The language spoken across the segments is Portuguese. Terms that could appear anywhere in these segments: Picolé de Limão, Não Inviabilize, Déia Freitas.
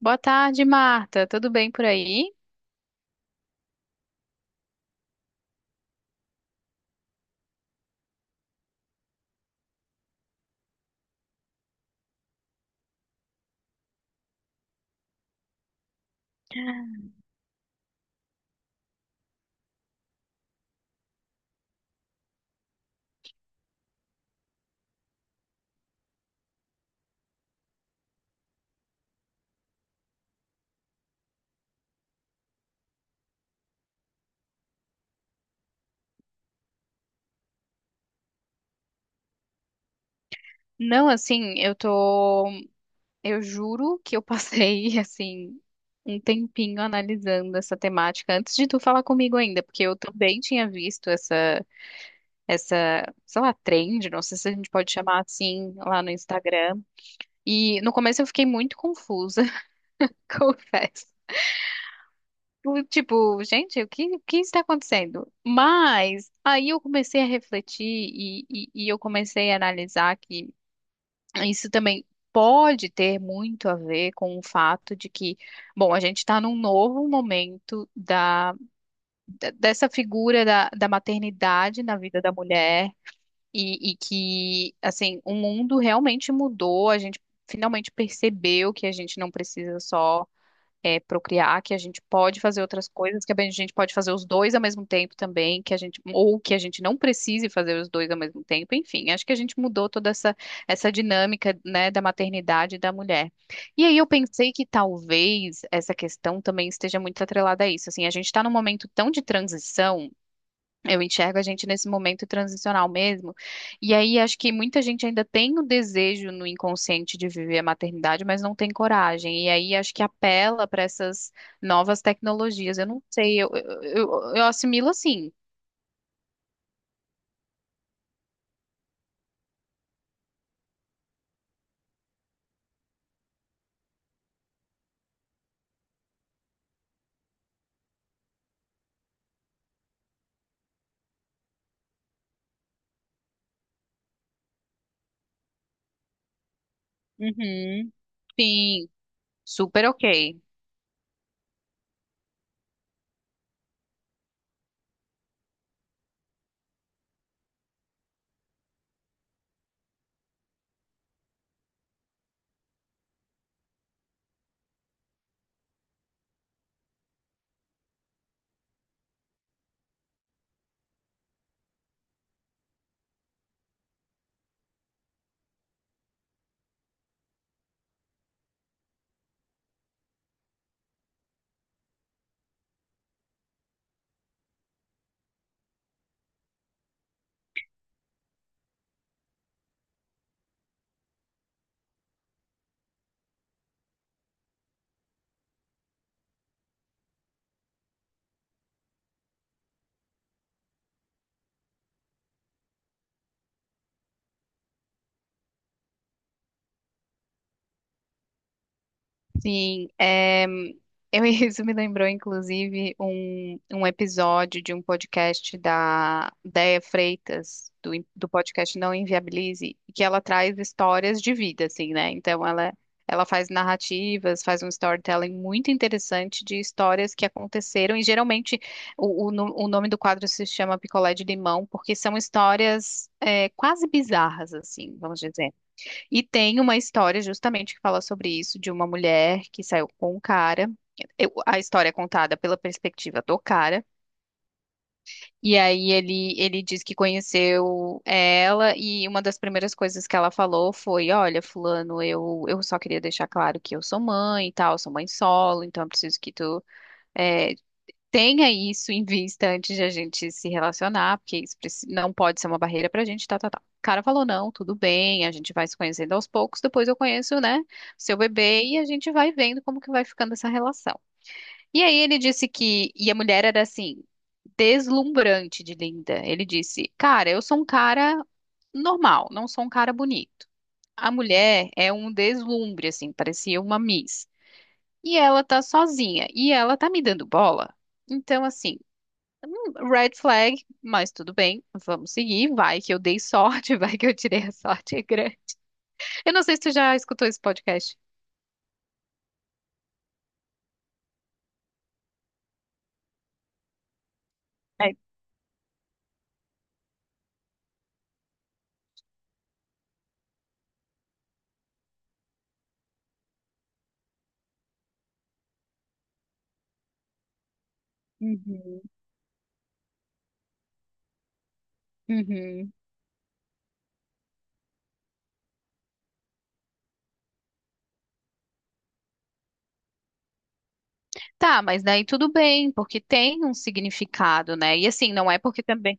Boa tarde, Marta. Tudo bem por aí? Não, assim, eu tô. Eu juro que eu passei, assim, um tempinho analisando essa temática antes de tu falar comigo ainda, porque eu também tinha visto essa, sei lá, trend, não sei se a gente pode chamar assim, lá no Instagram. E no começo eu fiquei muito confusa, confesso. Tipo, gente, o que está acontecendo? Mas aí eu comecei a refletir e eu comecei a analisar que isso também pode ter muito a ver com o fato de que, bom, a gente está num novo momento dessa figura da maternidade na vida da mulher e que, assim, o mundo realmente mudou, a gente finalmente percebeu que a gente não precisa só procriar, que a gente pode fazer outras coisas, que a gente pode fazer os dois ao mesmo tempo também, que a gente, ou que a gente não precise fazer os dois ao mesmo tempo, enfim, acho que a gente mudou toda essa dinâmica, né, da maternidade e da mulher. E aí eu pensei que talvez essa questão também esteja muito atrelada a isso, assim, a gente está num momento tão de transição, eu enxergo a gente nesse momento transicional mesmo. E aí acho que muita gente ainda tem o desejo no inconsciente de viver a maternidade, mas não tem coragem. E aí acho que apela para essas novas tecnologias. Eu não sei, eu assimilo assim. Uhum. Sim, super ok. Sim, é, eu, isso me lembrou, inclusive, um episódio de um podcast da Déia Freitas, do podcast Não Inviabilize, que ela traz histórias de vida, assim, né? Então, ela faz narrativas, faz um storytelling muito interessante de histórias que aconteceram, e geralmente o nome do quadro se chama Picolé de Limão, porque são histórias quase bizarras, assim, vamos dizer. E tem uma história justamente que fala sobre isso, de uma mulher que saiu com um cara. A história é contada pela perspectiva do cara. E aí ele diz que conheceu ela e uma das primeiras coisas que ela falou foi: olha, fulano, eu só queria deixar claro que eu sou mãe e tal, sou mãe solo, então eu preciso que tu eh, tenha isso em vista antes de a gente se relacionar, porque isso não pode ser uma barreira pra gente, tá, tá, tá. O cara falou: não, tudo bem, a gente vai se conhecendo aos poucos, depois eu conheço, né, seu bebê, e a gente vai vendo como que vai ficando essa relação. E aí ele disse que, e a mulher era assim, deslumbrante de linda. Ele disse: cara, eu sou um cara normal, não sou um cara bonito. A mulher é um deslumbre, assim, parecia uma Miss. E ela tá sozinha, e ela tá me dando bola. Então, assim, hum, red flag, mas tudo bem, vamos seguir. Vai que eu dei sorte, vai que eu tirei a sorte é grande. Eu não sei se tu já escutou esse podcast. É. Uhum, uhum. Tá, mas daí tudo bem, porque tem um significado, né? E assim, não é porque também.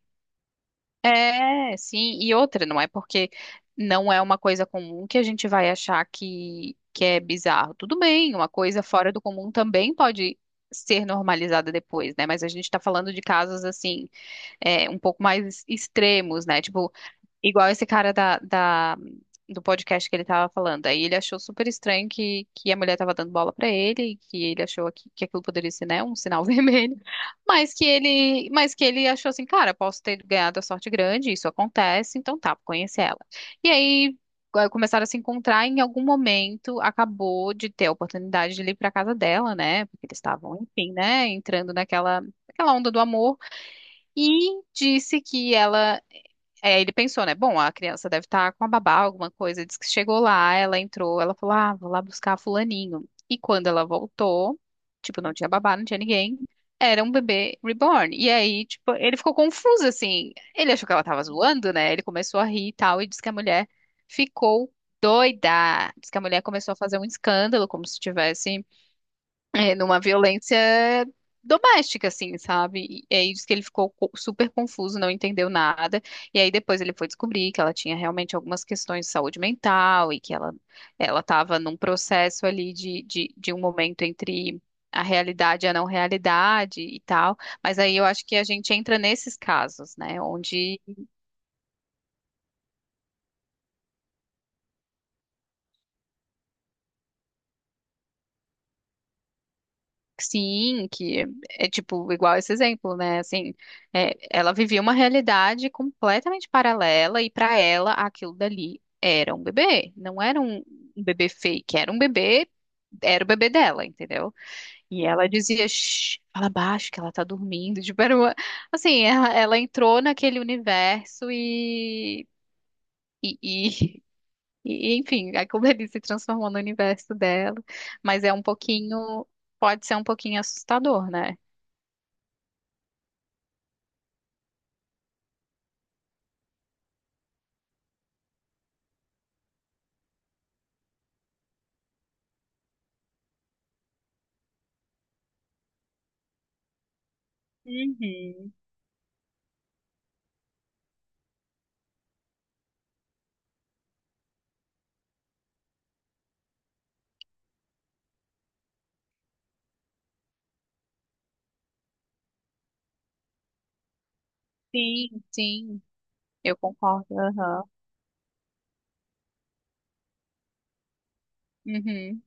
É, sim, e outra, não é porque não é uma coisa comum que a gente vai achar que é bizarro. Tudo bem, uma coisa fora do comum também pode ser normalizada depois, né? Mas a gente tá falando de casos assim, um pouco mais extremos, né? Tipo, igual esse cara do podcast que ele tava falando. Aí ele achou super estranho que a mulher tava dando bola pra ele, que ele achou que aquilo poderia ser, né, um sinal vermelho. Mas que ele achou assim, cara, posso ter ganhado a sorte grande, isso acontece, então tá, vou conhecer ela. E aí começaram a se encontrar, e em algum momento acabou de ter a oportunidade de ele ir pra casa dela, né? Porque eles estavam, enfim, né, entrando naquela onda do amor, e disse que ela ele pensou, né? Bom, a criança deve estar com a babá, alguma coisa. Diz que chegou lá, ela entrou, ela falou: ah, vou lá buscar fulaninho. E quando ela voltou, tipo, não tinha babá, não tinha ninguém. Era um bebê reborn. E aí, tipo, ele ficou confuso, assim. Ele achou que ela tava zoando, né? Ele começou a rir e tal, e disse que a mulher ficou doida. Diz que a mulher começou a fazer um escândalo, como se tivesse numa violência doméstica, assim, sabe? E aí diz que ele ficou super confuso, não entendeu nada. E aí depois ele foi descobrir que ela tinha realmente algumas questões de saúde mental e que ela estava num processo ali de um momento entre a realidade e a não realidade e tal. Mas aí eu acho que a gente entra nesses casos, né? Onde, sim, que é, é, tipo igual esse exemplo, né? Assim, é, ela vivia uma realidade completamente paralela e para ela aquilo dali era um bebê, não era um bebê fake, era um bebê, era o bebê dela, entendeu? E ela dizia: shh, fala baixo que ela tá dormindo, tipo, assim, ela entrou naquele universo e, e, e enfim, aquilo ali se transformou no universo dela, mas é um pouquinho, pode ser um pouquinho assustador, né? Uhum. Sim, sim, eu concordo. Aham. Uhum.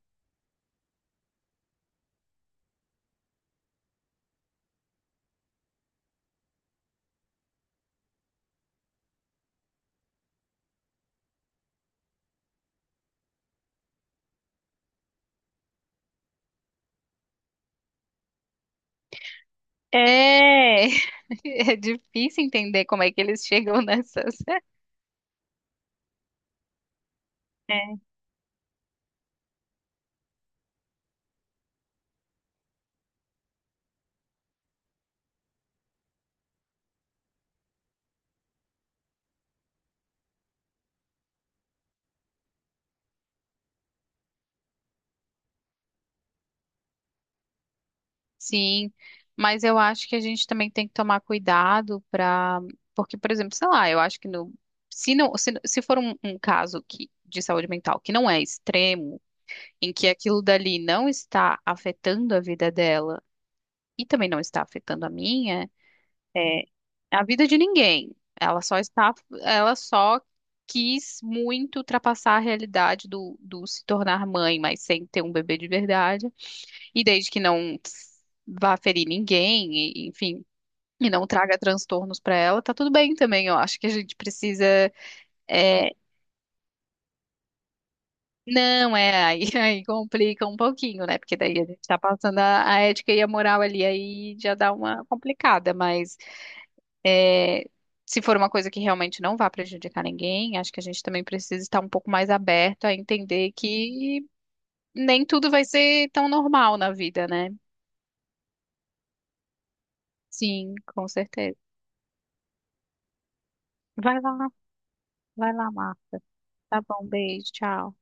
É, é difícil entender como é que eles chegam nessas. É, sim, mas eu acho que a gente também tem que tomar cuidado para, porque, por exemplo, sei lá, eu acho que no, se não, se for um caso que, de saúde mental que não é extremo, em que aquilo dali não está afetando a vida dela e também não está afetando a minha. É a vida de ninguém. Ela só está, ela só quis muito ultrapassar a realidade do se tornar mãe, mas sem ter um bebê de verdade. E desde que não vá ferir ninguém, enfim, e não traga transtornos para ela, tá tudo bem também. Eu acho que a gente precisa. É, não, é, aí, aí complica um pouquinho, né? Porque daí a gente tá passando a ética e a moral ali, aí já dá uma complicada, mas. É, se for uma coisa que realmente não vá prejudicar ninguém, acho que a gente também precisa estar um pouco mais aberto a entender que nem tudo vai ser tão normal na vida, né? Sim, com certeza. Vai lá, vai lá, Marta. Tá bom, beijo, tchau.